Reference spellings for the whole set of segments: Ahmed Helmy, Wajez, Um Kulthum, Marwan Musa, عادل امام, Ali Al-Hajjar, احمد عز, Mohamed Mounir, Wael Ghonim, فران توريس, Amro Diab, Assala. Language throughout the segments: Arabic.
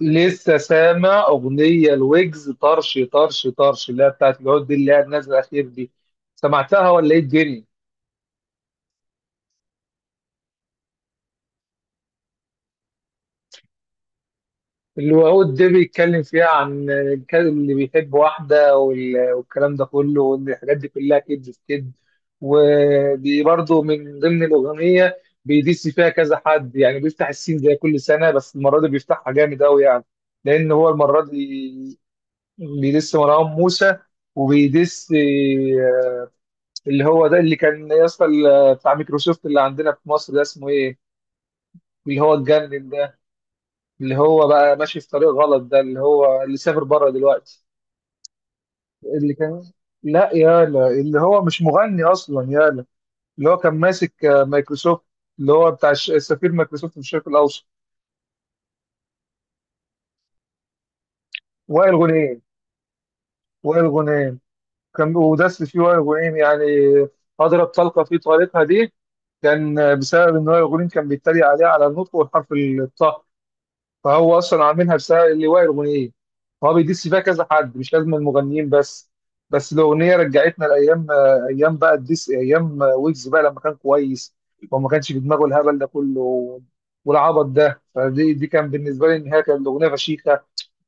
لسه سامع اغنيه الويجز طرش طرش طرش اللي هي بتاعت العود دي اللي هي نازله الاخير دي. سمعتها ولا ايه الدنيا؟ اللي هو العود ده بيتكلم فيها عن الكلب اللي بيحب واحده والكلام ده كله، وان الحاجات دي كلها كدب في كدب. ودي برضه من ضمن الاغنيه. بيدس فيها كذا حد، يعني بيفتح السين زي كل سنه، بس المره دي بيفتحها جامد قوي يعني. لان هو المره دي بيدس مروان موسى، وبيدس اللي هو ده اللي كان يا اسطى، بتاع مايكروسوفت اللي عندنا في مصر ده اسمه ايه. اللي هو اتجنن ده، اللي هو بقى ماشي في طريق غلط ده، اللي هو اللي سافر بره دلوقتي. اللي كان، لا يالا اللي هو مش مغني اصلا يالا. اللي هو كان ماسك مايكروسوفت، اللي هو بتاع سفير مايكروسوفت في الشرق الاوسط. وائل غنيم، وائل غنيم. كان ودس فيه وائل غنيم يعني، اضرب طلقه في طريقها دي. كان بسبب ان وائل غنيم كان بيتريق عليه على النطق، والحرف الطاء. فهو اصلا عاملها بسبب اللواء الاغنيه، فهو بيدس فيها كذا حد مش لازم المغنيين بس. بس الاغنيه رجعتنا لايام، ايام بقى الدس، ايام ويجز بقى لما كان كويس، وما كانش في دماغه الهبل ده كله والعبط ده. فدي كان بالنسبه لي ان هي كانت الاغنيه فشيخه،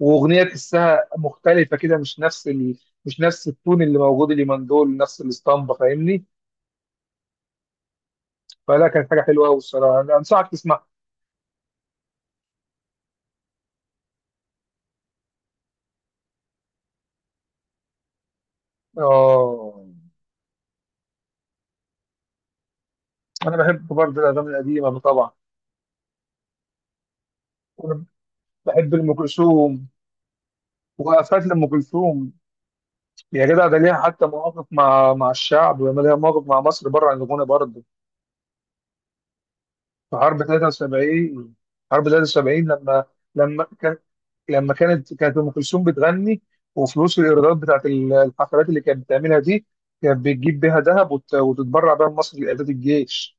واغنيه تحسها مختلفه كده، مش نفس مش نفس التون اللي موجود اليومين دول، نفس الاسطمبه، فاهمني. فلا، كانت حاجه حلوه قوي الصراحه، أنا انصحك تسمعها. اه، انا بحب برضه الاغاني القديمه طبعا. بحب ام كلثوم، وقفات لام كلثوم. يا جدع، ده ليها حتى مواقف مع الشعب، ولما ليها مواقف مع مصر بره عن الغنى برضه. في حرب 73، حرب 73 لما كان، لما كانت ام كلثوم بتغني، وفلوس الايرادات بتاعت الحفلات اللي كانت بتعملها دي، كانت بتجيب بيها ذهب وتتبرع بيها لمصر لاعداد الجيش.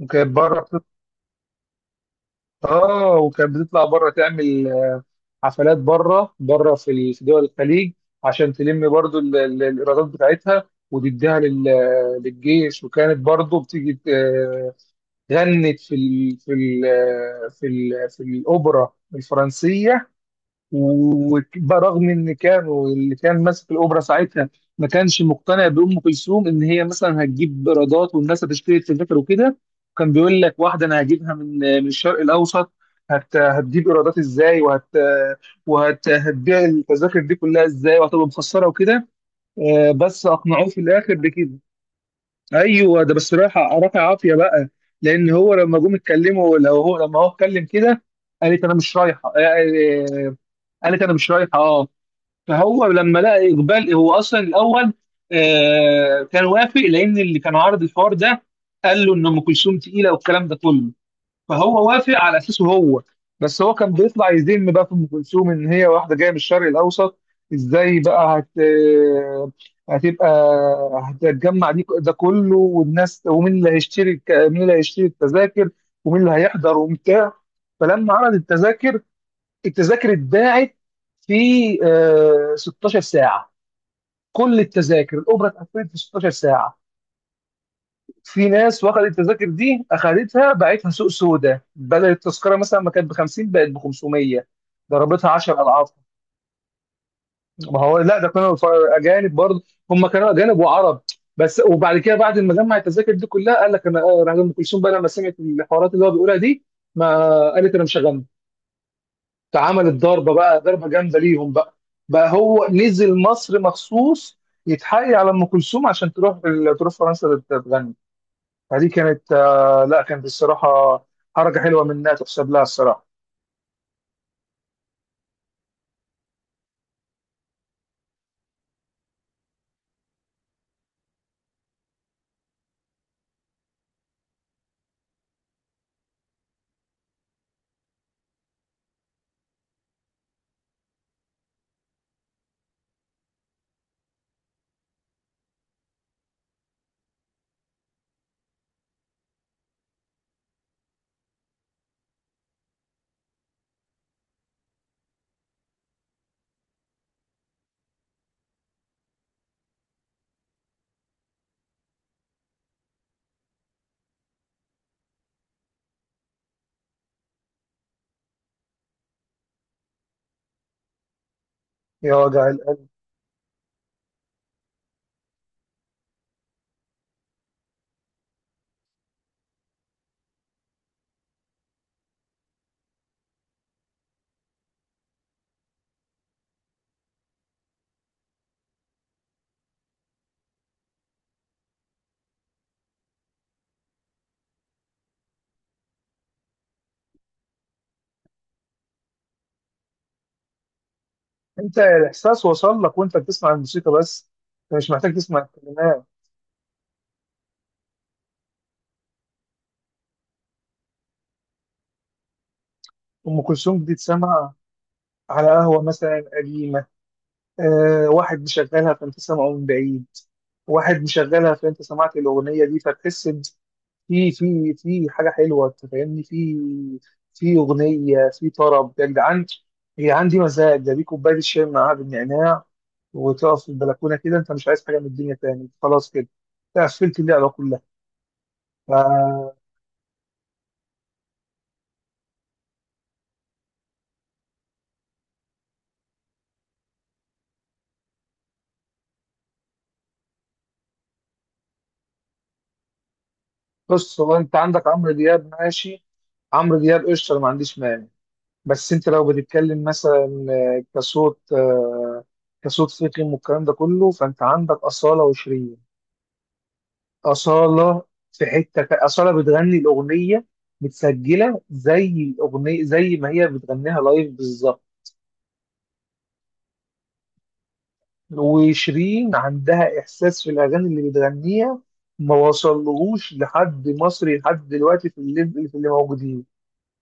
وكانت بره بتطلع. اه، وكانت بتطلع بره تعمل حفلات بره في في دول الخليج، عشان تلم برضو الايرادات بتاعتها وتديها للجيش. وكانت برضو بتيجي غنت في الاوبرا الفرنسيه. وبرغم ان كانوا، اللي كان ماسك الاوبرا ساعتها ما كانش مقتنع بام كلثوم ان هي مثلا هتجيب ايرادات والناس هتشتري التذاكر وكده. كان بيقول لك واحده انا هجيبها من الشرق الاوسط، هتجيب ايرادات ازاي، هتبيع التذاكر دي كلها ازاي، وهتبقى مخسره وكده. بس اقنعوه في الاخر بكده. ايوه، ده بس رايحه رافع عافيه بقى، لان هو لما جم اتكلموا، لو هو لما هو اتكلم كده قالت انا مش رايحه. قالت انا مش رايحه، اه. فهو لما لقى اقبال، هو اصلا الاول آه كان وافق، لان اللي كان عارض الحوار ده قال له ان ام كلثوم تقيله والكلام ده كله، فهو وافق على اساسه هو. بس هو كان بيطلع يذم بقى في ام كلثوم، ان هي واحده جايه من الشرق الاوسط، ازاي بقى هت آه، هتبقى، هتتجمع دي ده كله، والناس، ومين اللي هيشتري مين اللي هيشتري التذاكر، ومين اللي هيحضر وبتاع. فلما عرض التذاكر، التذاكر اتباعت في 16 ساعه، كل التذاكر الاوبرا اتقفلت في 16 ساعه. في ناس واخدت التذاكر دي، اخدتها باعتها سوق سودا، بدل التذكره مثلا ما كانت ب 50، بقت ب 500، ضربتها 10 اضعاف. ما هو لا، ده كانوا اجانب برضه، هم كانوا اجانب وعرب بس. وبعد كده، بعد ما جمع التذاكر دي كلها، قال لك انا راح ام كلثوم بقى لما سمعت الحوارات اللي هو بيقولها دي، ما قالت انا مش هغني. اتعملت ضربه بقى، ضربه جامده ليهم بقى. بقى هو نزل مصر مخصوص يتحايل على ام كلثوم عشان تروح فرنسا تغني. فدي كانت آه، لا كانت الصراحه حركه حلوه منها، تحسب لها الصراحه. يا وجع القلب. انت الاحساس وصل لك وانت بتسمع الموسيقى بس، أنت مش محتاج تسمع الكلمات. ام كلثوم دي تسمع على قهوه مثلا قديمه، آه واحد مشغلها فانت سامعه من بعيد، واحد مشغلها فانت سمعت الاغنيه دي، فتحس في حاجه حلوه، أنت فاهمني، في في اغنيه، في طرب يا جدعان. هي عندي مزاج ده، بيه كوبايه الشاي معاها بالنعناع، وتقف في البلكونه كده، انت مش عايز حاجه من الدنيا تاني، أنت خلاص كده، أنت قفلت اللعبه كلها. ف- بص، هو انت عندك عمرو دياب ماشي، عمرو دياب قشطه، أنا ما عنديش مانع. بس انت لو بتتكلم مثلا كصوت، كصوت فيكم والكلام ده كله، فانت عندك اصاله وشيرين. أصالة، في حتة أصالة بتغني الأغنية متسجلة زي الأغنية زي ما هي بتغنيها لايف بالظبط. وشيرين عندها إحساس في الأغاني اللي بتغنيها، ما وصلهوش لحد مصري لحد دلوقتي في الليفل، في اللي موجودين.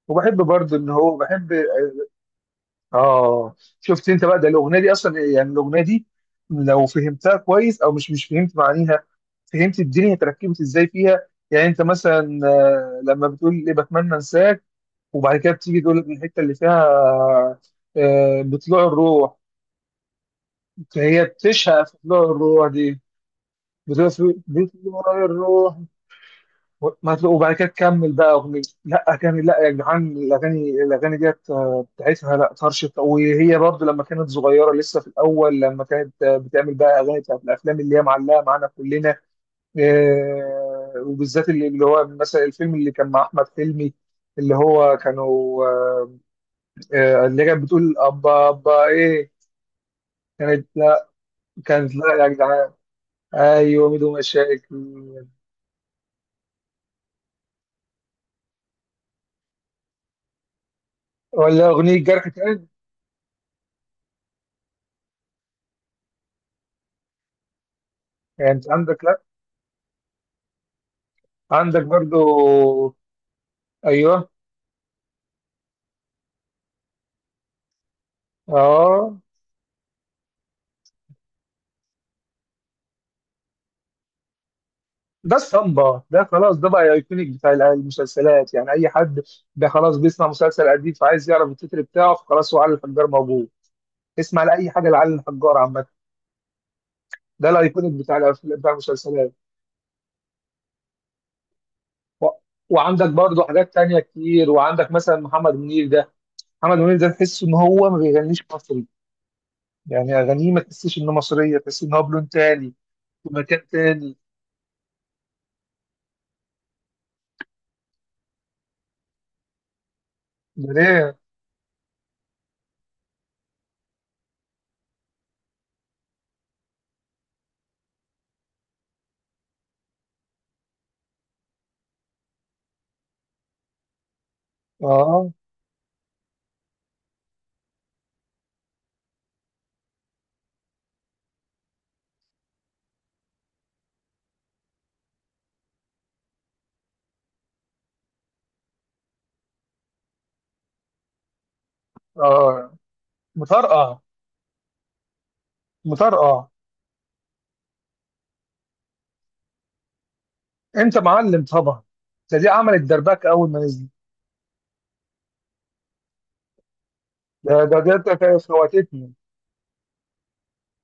وبحب برضه إن هو بحب. آه. شفت أنت بقى، ده الأغنية دي أصلا، يعني الأغنية دي لو فهمتها كويس، أو مش فهمت معانيها، فهمت الدنيا تركبت إزاي فيها. يعني أنت مثلا، لما بتقول إيه، بتمنى أنساك، وبعد كده بتيجي تقول لك من الحته اللي فيها بطلوع الروح، فهي بتشهق في طلوع الروح دي. بتقول بطلوع الروح. و- ما تلاقوا- وبعد كده تكمل بقى اغنيه، لا اغاني، لا يا جدعان، الاغاني ديت بتاعتها، لا طرشت، وهي برضو لما كانت صغيره لسه في الاول لما كانت بتعمل بقى اغاني بتاعت الافلام اللي هي معلقه معانا كلنا. وبالذات اللي هو مثلا الفيلم اللي كان مع احمد حلمي، اللي هو كانوا اللي كانت بتقول أبا أبا إيه. كانت لا، كانت لا يا جدعان. أيوه، ميدو مشاكل. ولا أغنية جرح تاني، يعني أنت عندك، لا عندك برضو. أيوه. أه، ده الصمبا ده خلاص، ده بقى ايكونيك بتاع المسلسلات. يعني اي حد ده خلاص بيسمع مسلسل قديم فعايز يعرف التتر بتاعه، فخلاص هو علي الحجار موجود. اسمع لاي حاجه لعلي الحجار عامه، ده الايكونيك بتاع بتاع المسلسلات. و- وعندك برضو حاجات تانية كتير، وعندك مثلا محمد منير ده، محمد منير ده تحس ان هو ما بيغنيش مصري، يعني اغانيه ما تحسش انه مصريه، تحس ان هو بلون تاني، في مكان تاني. ده ليه؟ اه. اه مطرقع، مطرقع. انت معلم طبعا، ده دي عملت دربك اول ما نزل. ده كانت فوتتني.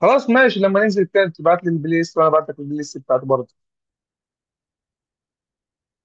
خلاص ماشي، لما ننزل تاني تبعت لي البلاي ليست، وانا بعت لك البلاي ليست بتاعتي برضه.